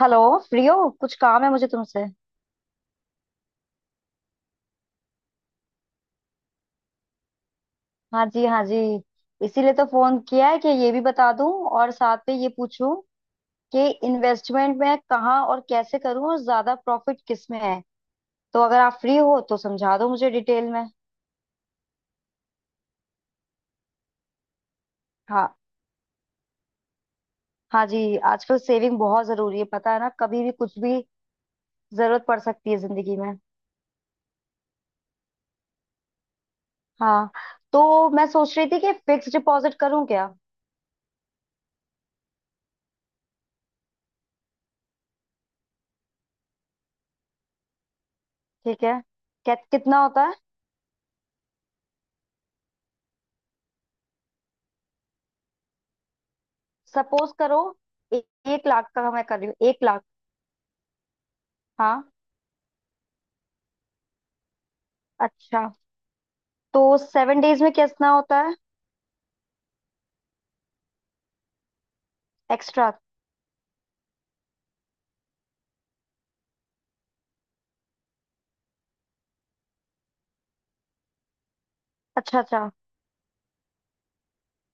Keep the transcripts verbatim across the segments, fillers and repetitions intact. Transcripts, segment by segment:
Hello. Free हो कुछ काम है मुझे तुमसे। हाँ जी हाँ जी, इसीलिए तो फोन किया है कि ये भी बता दूं और साथ में ये पूछूं कि इन्वेस्टमेंट मैं कहाँ और कैसे करूं और ज्यादा प्रॉफिट किस में है। तो अगर आप फ्री हो तो समझा दो मुझे डिटेल में। हाँ। हाँ जी, आजकल सेविंग बहुत जरूरी है, पता है ना, कभी भी कुछ भी जरूरत पड़ सकती है जिंदगी में। हाँ। तो मैं सोच रही थी कि फिक्स डिपॉजिट करूं क्या। ठीक है। क्या कितना होता है। सपोज करो ए- एक लाख का मैं कर रही हूँ, एक लाख। हाँ। अच्छा, तो सेवन डेज में कितना होता है। एक्स्ट्रा। अच्छा अच्छा।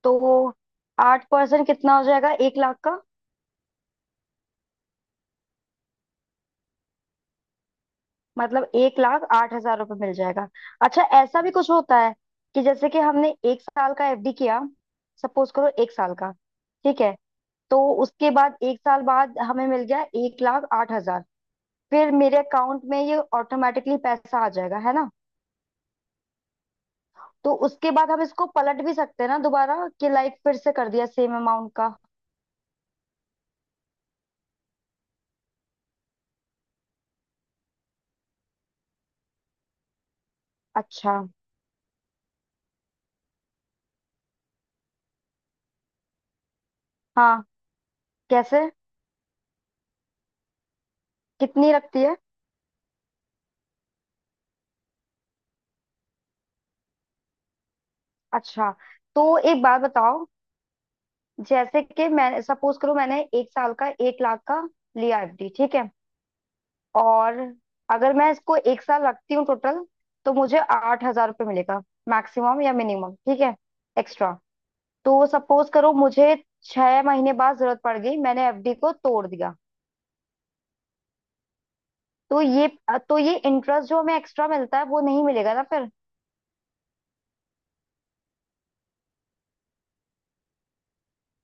तो आठ परसेंट कितना हो जाएगा एक लाख का। मतलब एक लाख आठ हजार रुपये मिल जाएगा। अच्छा, ऐसा भी कुछ होता है कि जैसे कि हमने एक साल का एफडी किया। सपोज करो एक साल का, ठीक है। तो उसके बाद एक साल बाद हमें मिल गया एक लाख आठ हजार। फिर मेरे अकाउंट में ये ऑटोमेटिकली पैसा आ जाएगा है ना। तो उसके बाद हम इसको पलट भी सकते हैं ना दोबारा कि लाइक फिर से कर दिया सेम अमाउंट का। अच्छा। हाँ। कैसे। कितनी रखती है। अच्छा, तो एक बात बताओ। जैसे कि मैं, सपोज करो, मैंने एक साल का एक लाख का लिया एफडी, ठीक है। और अगर मैं इसको एक साल रखती हूँ टोटल, तो मुझे आठ हजार रुपये मिलेगा मैक्सिमम या मिनिमम, ठीक है। एक्स्ट्रा। तो सपोज करो मुझे छह महीने बाद जरूरत पड़ गई, मैंने एफडी को तोड़ दिया। तो ये तो ये इंटरेस्ट जो हमें एक्स्ट्रा मिलता है वो नहीं मिलेगा ना फिर।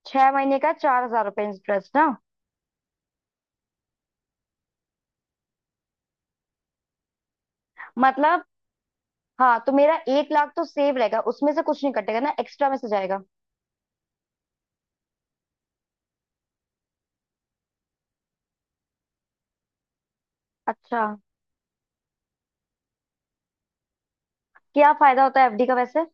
छह महीने का चार हजार रुपये इंटरेस्ट ना। मतलब हाँ, तो मेरा एक लाख तो सेव रहेगा, उसमें से कुछ नहीं कटेगा ना, एक्स्ट्रा में से जाएगा। अच्छा। क्या फायदा होता है एफडी का वैसे।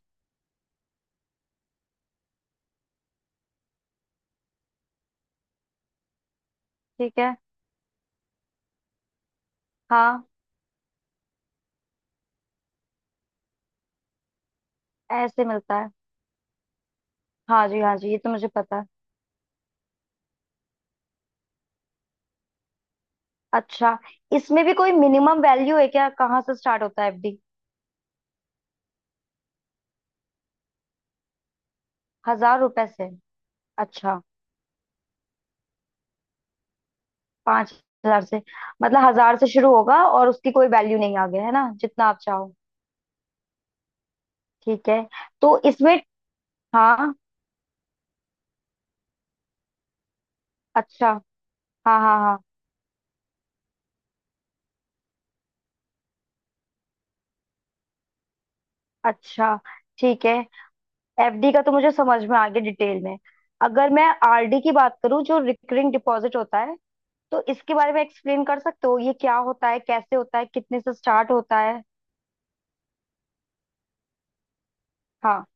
ठीक है। हाँ ऐसे मिलता है। हाँ जी हाँ जी, ये तो मुझे पता है। अच्छा, इसमें भी कोई मिनिमम वैल्यू है क्या, कहाँ से स्टार्ट होता है एफडी। हजार रुपए से। अच्छा, पांच हजार से, मतलब हजार से शुरू होगा और उसकी कोई वैल्यू नहीं आगे है ना, जितना आप चाहो। ठीक है। तो इसमें हाँ अच्छा। हाँ हाँ हाँ। अच्छा ठीक है, एफडी का तो मुझे समझ में आ गया डिटेल में। अगर मैं आरडी की बात करूं जो रिकरिंग डिपॉजिट होता है, तो इसके बारे में एक्सप्लेन कर सकते हो, ये क्या होता है, कैसे होता है, कितने से स्टार्ट होता है। हाँ।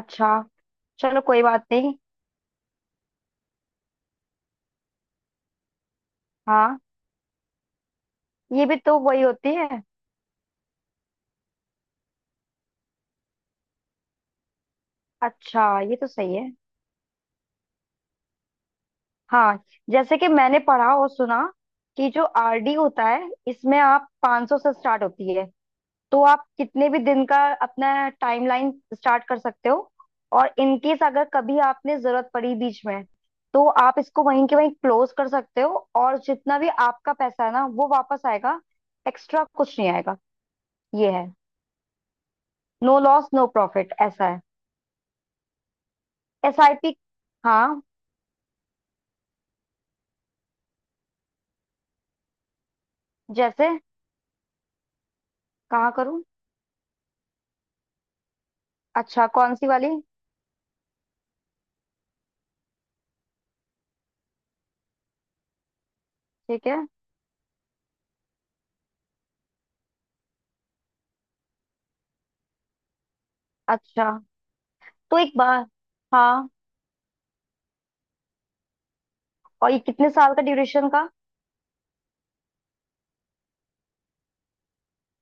अच्छा, चलो कोई बात नहीं। हाँ, ये भी तो वही होती है। अच्छा। ये तो सही है। हाँ, जैसे कि मैंने पढ़ा और सुना कि जो आरडी होता है इसमें आप पाँच सौ से स्टार्ट होती है। तो आप कितने भी दिन का अपना टाइमलाइन स्टार्ट कर सकते हो। और इनकेस अगर कभी आपने जरूरत पड़ी बीच में, तो आप इसको वहीं के वहीं क्लोज कर सकते हो और जितना भी आपका पैसा है ना वो वापस आएगा। एक्स्ट्रा कुछ नहीं आएगा। ये है, नो लॉस नो प्रॉफिट ऐसा है। एसआईपी। हाँ, जैसे कहाँ करूँ। अच्छा, कौन सी वाली। ठीक है। अच्छा, तो एक बार हाँ। और ये कितने साल का ड्यूरेशन का।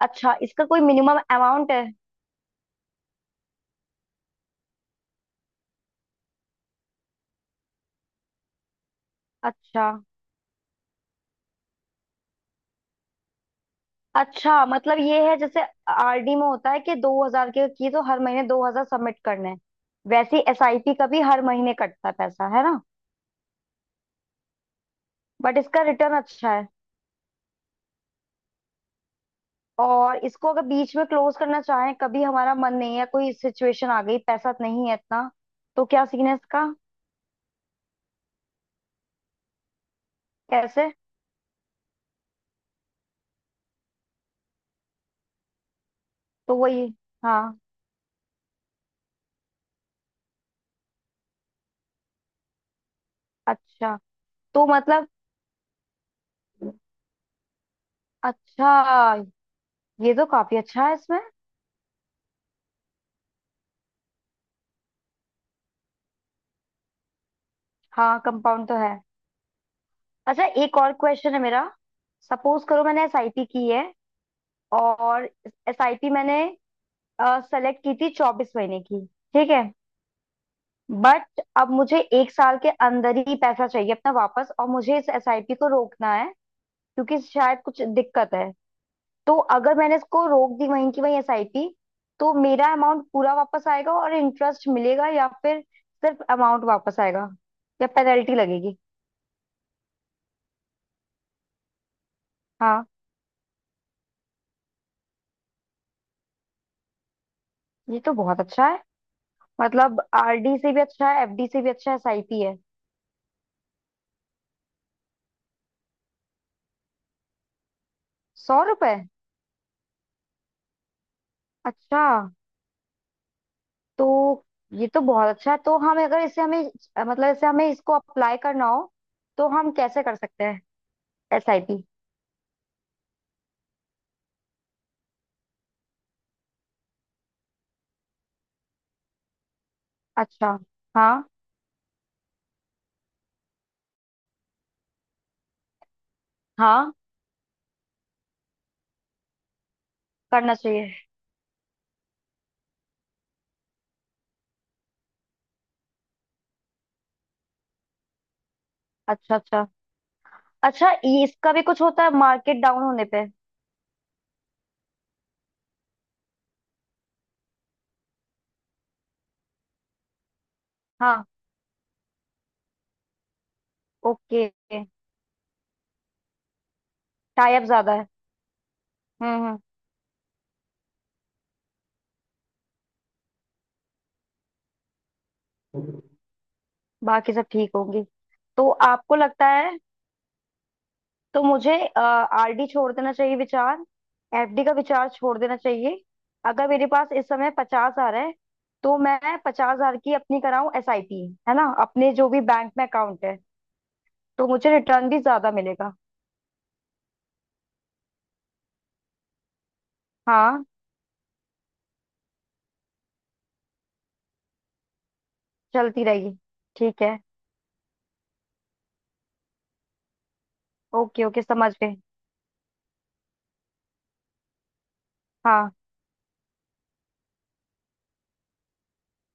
अच्छा, इसका कोई मिनिमम अमाउंट है। अच्छा अच्छा, मतलब ये है जैसे आरडी में होता है कि दो हजार के किए तो हर महीने दो हजार सबमिट करने हैं। वैसे एसआईपी का भी हर महीने कटता है पैसा है ना। बट इसका रिटर्न अच्छा है। और इसको अगर बीच में क्लोज करना चाहें, कभी हमारा मन नहीं है, कोई सिचुएशन आ गई, पैसा नहीं है इतना, तो क्या सीन है इसका। कैसे। तो वही हाँ। अच्छा तो मतलब, अच्छा ये तो काफी अच्छा है इसमें। हाँ, कंपाउंड तो है। अच्छा, एक और क्वेश्चन है मेरा। सपोज करो मैंने एसआईपी की है और एसआईपी मैंने सेलेक्ट की थी चौबीस महीने की, ठीक है। बट अब मुझे एक साल के अंदर ही पैसा चाहिए अपना वापस और मुझे इस एसआईपी को रोकना है क्योंकि शायद कुछ दिक्कत है। तो अगर मैंने इसको रोक दी वहीं की वहीं एसआईपी, तो मेरा अमाउंट पूरा वापस आएगा और इंटरेस्ट मिलेगा, या फिर सिर्फ अमाउंट वापस आएगा, या पेनल्टी लगेगी। हाँ, ये तो बहुत अच्छा है। मतलब आरडी से भी अच्छा है, एफडी से भी अच्छा है, एसआईपी है। सौ रुपए। अच्छा, तो ये तो बहुत अच्छा है, तो हम अगर इसे हमें, मतलब इसे हमें इसको अप्लाई करना हो, तो हम कैसे कर सकते हैं एसआईपी। अच्छा। हाँ हाँ करना चाहिए। अच्छा अच्छा। अच्छा, ये इसका भी कुछ होता है मार्केट डाउन होने पे। हाँ। ओके। टाई अप ज्यादा है। हम्म हम्म, बाकी सब ठीक होंगी। तो आपको लगता है तो मुझे आरडी छोड़ देना चाहिए विचार, एफडी का विचार छोड़ देना चाहिए। अगर मेरे पास इस समय पचास हजार है, तो मैं पचास हजार की अपनी कराऊं एसआईपी है ना, अपने जो भी बैंक में अकाउंट है। तो मुझे रिटर्न भी ज्यादा मिलेगा। हाँ चलती रहेगी। ठीक है। ओके ओके, समझ गए। हाँ,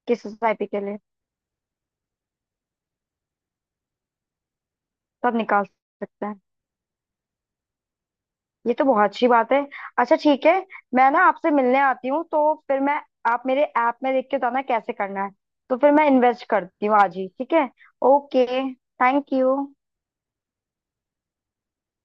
किस एसआईपी के लिए। सब निकाल सकते हैं। ये तो बहुत अच्छी बात है। अच्छा, ठीक है। मैं ना आपसे मिलने आती हूँ तो फिर मैं, आप मेरे ऐप में देख के बताना कैसे करना है, तो फिर मैं इन्वेस्ट करती हूँ आज ही, ठीक है। ओके। Thank you.